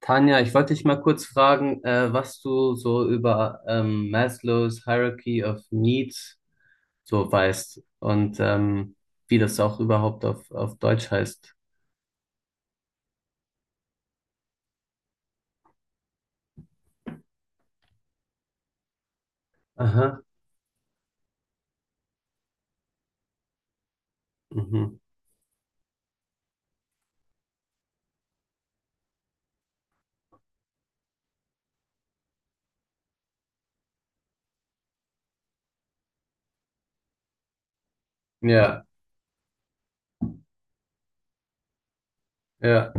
Tanja, ich wollte dich mal kurz fragen, was du so über Maslows Hierarchy of Needs so weißt und wie das auch überhaupt auf Deutsch heißt. Aha. Mhm. Ja, ja,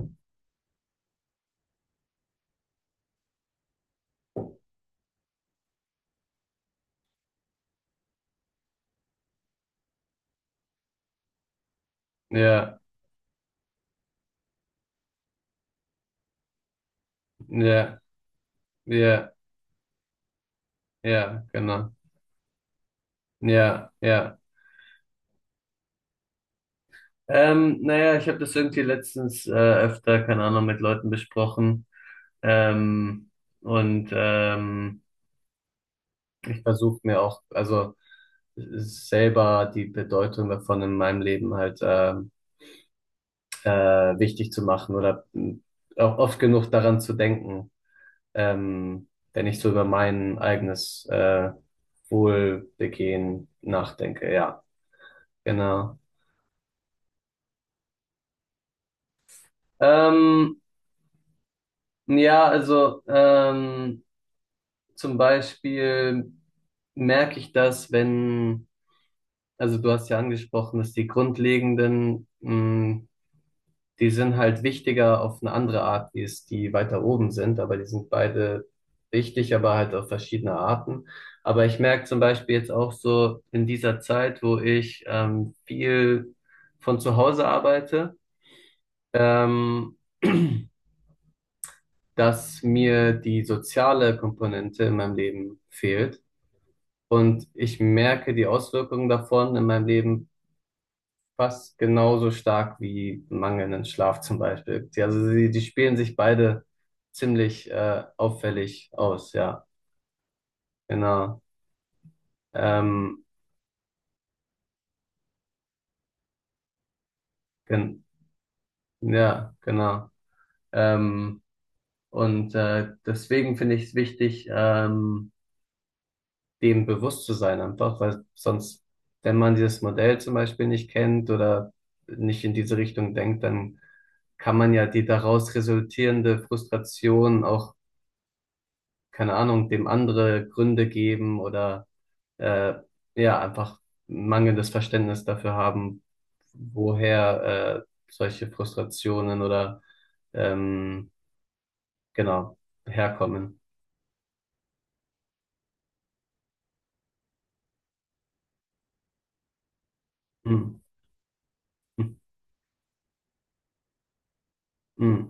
ja, ja, ja, ja, genau. Ja, ja. Naja, ich habe das irgendwie letztens öfter, keine Ahnung, mit Leuten besprochen. Ähm, und ich versuche mir auch, also selber die Bedeutung davon in meinem Leben halt wichtig zu machen oder auch oft genug daran zu denken, ähm, wenn ich so über mein eigenes Wohlbegehen nachdenke. Ja, genau. Ähm, ja, also zum Beispiel merke ich das, wenn, also du hast ja angesprochen, dass die grundlegenden die sind halt wichtiger auf eine andere Art, wie es die weiter oben sind, aber die sind beide wichtig, aber halt auf verschiedene Arten. Aber ich merke zum Beispiel jetzt auch so in dieser Zeit, wo ich viel von zu Hause arbeite, ähm, dass mir die soziale Komponente in meinem Leben fehlt. Und ich merke die Auswirkungen davon in meinem Leben fast genauso stark wie mangelnden Schlaf zum Beispiel. Die, also sie, die spielen sich beide ziemlich auffällig aus, ja, genau. Ähm, gen ja, genau. Ähm, und deswegen finde ich es wichtig, dem bewusst zu sein einfach, weil sonst, wenn man dieses Modell zum Beispiel nicht kennt oder nicht in diese Richtung denkt, dann kann man ja die daraus resultierende Frustration auch, keine Ahnung, dem andere Gründe geben oder äh, ja, einfach mangelndes Verständnis dafür haben, woher solche Frustrationen oder ähm, genau herkommen. Hm. Hm. Hm.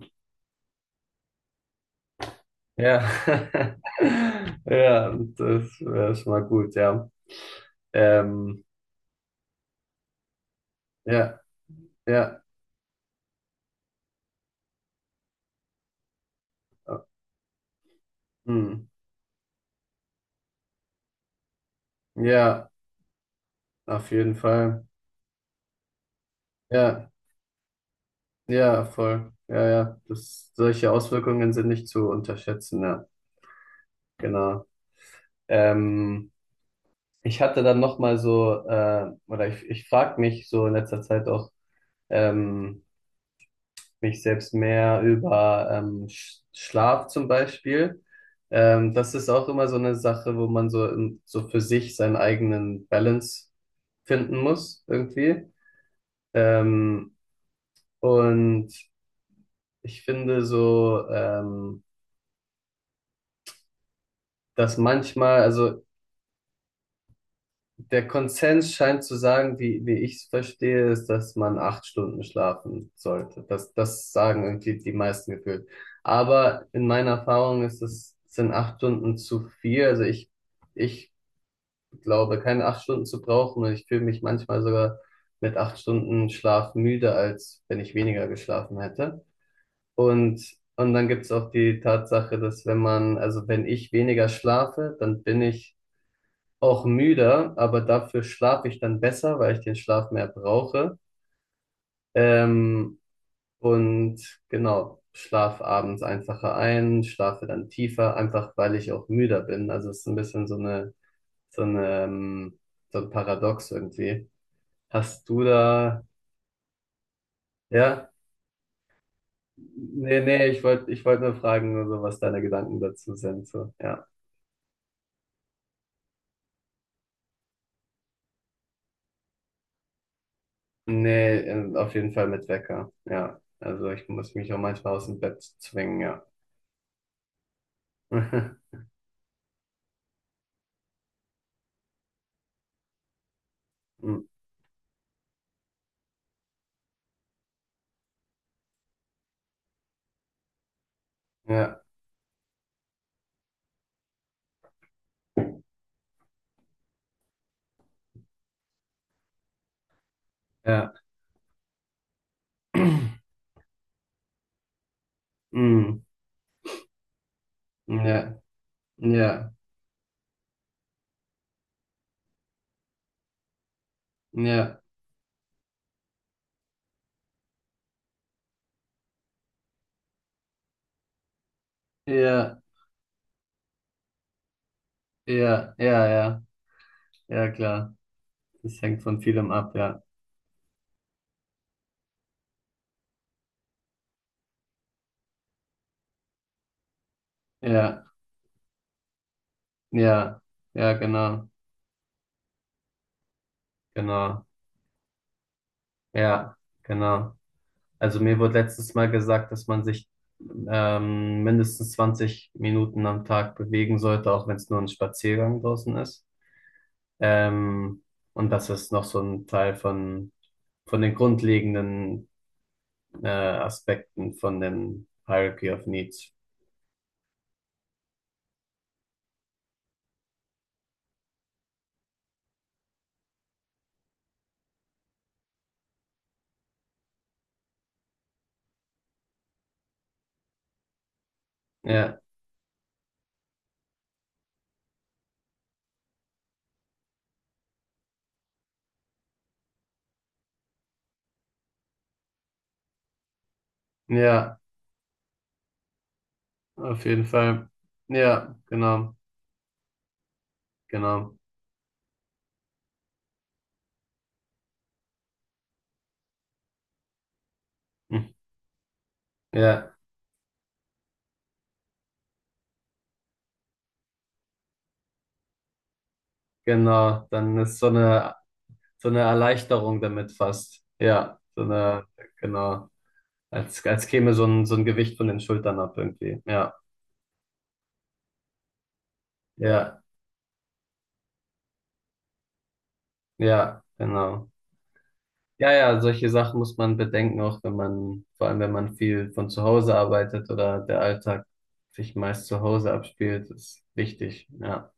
Ja, ja, das wäre schon mal gut, ja. Ähm, ja, ja, äh, hm. Ja, auf jeden Fall. Ja. Ja, voll. Ja, ja. Das, solche Auswirkungen sind nicht zu unterschätzen, ja. Genau. Ähm, ich hatte dann nochmal so, oder ich frage mich so in letzter Zeit auch ähm, mich selbst mehr über Schlaf zum Beispiel. Das ist auch immer so eine Sache, wo man so, so für sich seinen eigenen Balance finden muss, irgendwie. Ähm, und ich finde so, dass manchmal, also der Konsens scheint zu sagen, wie ich es verstehe, ist, dass man 8 Stunden schlafen sollte. Das sagen irgendwie die meisten gefühlt. Aber in meiner Erfahrung ist es, sind 8 Stunden zu viel. Also ich glaube, keine 8 Stunden zu brauchen, und ich fühle mich manchmal sogar mit 8 Stunden Schlaf müde, als wenn ich weniger geschlafen hätte. Und, und dann gibt's auch die Tatsache, dass wenn man, also wenn ich weniger schlafe, dann bin ich auch müder, aber dafür schlafe ich dann besser, weil ich den Schlaf mehr brauche. Ähm, und genau, schlaf abends einfacher ein, schlafe dann tiefer, einfach weil ich auch müder bin. Also es ist ein bisschen so eine, so eine, so ein Paradox irgendwie. Hast du da, ja? Nee, ich wollte nur fragen, nur so, was deine Gedanken dazu sind, so, ja. Nee, auf jeden Fall mit Wecker, ja. Also ich muss mich auch manchmal aus dem Bett zwingen, ja. Ja, ja. Mm, ja, ja, ja, ja, ja, ja, ja, ja, klar. Das hängt von vielem ab, ja. Ja, ja, ja, genau, genau, ja, genau. Also mir wurde letztes Mal gesagt, dass man sich mindestens 20 Minuten am Tag bewegen sollte, auch wenn es nur ein Spaziergang draußen ist. Ähm, und das ist noch so ein Teil von den grundlegenden Aspekten von dem Hierarchy of Needs. Ja, ja, auf jeden Fall. Ja, genau, genau. Hm. Ja, genau. Dann ist so eine Erleichterung damit fast. Ja, so eine, genau. Als, als käme so ein Gewicht von den Schultern ab irgendwie. Ja, ja, ja, genau. Ja, ja, solche Sachen muss man bedenken, auch wenn man, vor allem wenn man viel von zu Hause arbeitet oder der Alltag sich meist zu Hause abspielt, ist wichtig. Ja.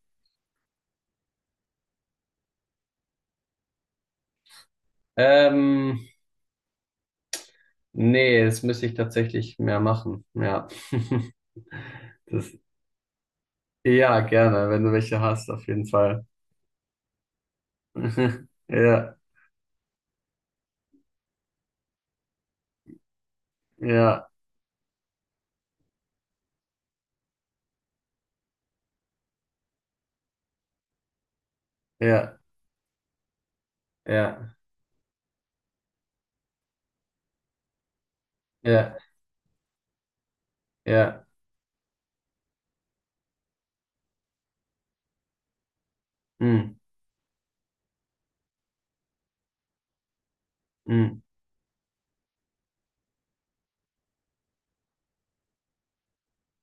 Ähm, nee, das müsste ich tatsächlich mehr machen. Ja. Das, ja, gerne, wenn du welche hast, auf jeden Fall. Ja, ja, ja, ja, ja, ja. Mm, mm.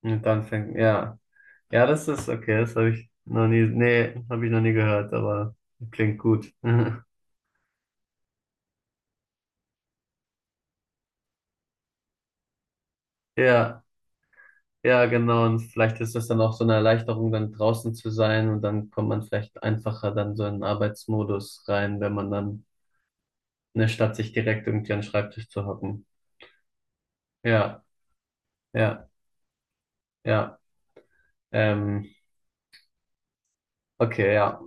Und dann fängt, ja. Ja, das ist okay, das habe ich noch nie, nee, habe ich noch nie gehört, aber klingt gut. Ja, ja, genau. Und vielleicht ist das dann auch so eine Erleichterung, dann draußen zu sein und dann kommt man vielleicht einfacher dann so in den Arbeitsmodus rein, wenn man dann, ne, statt sich direkt irgendwie an den Schreibtisch zu hocken. Ja, ja, ja. Ähm, okay, ja.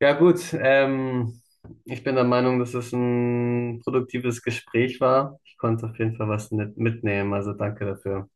Ja, gut. Ich bin der Meinung, dass es ein produktives Gespräch war. Ich konnte auf jeden Fall was mit mitnehmen, also danke dafür.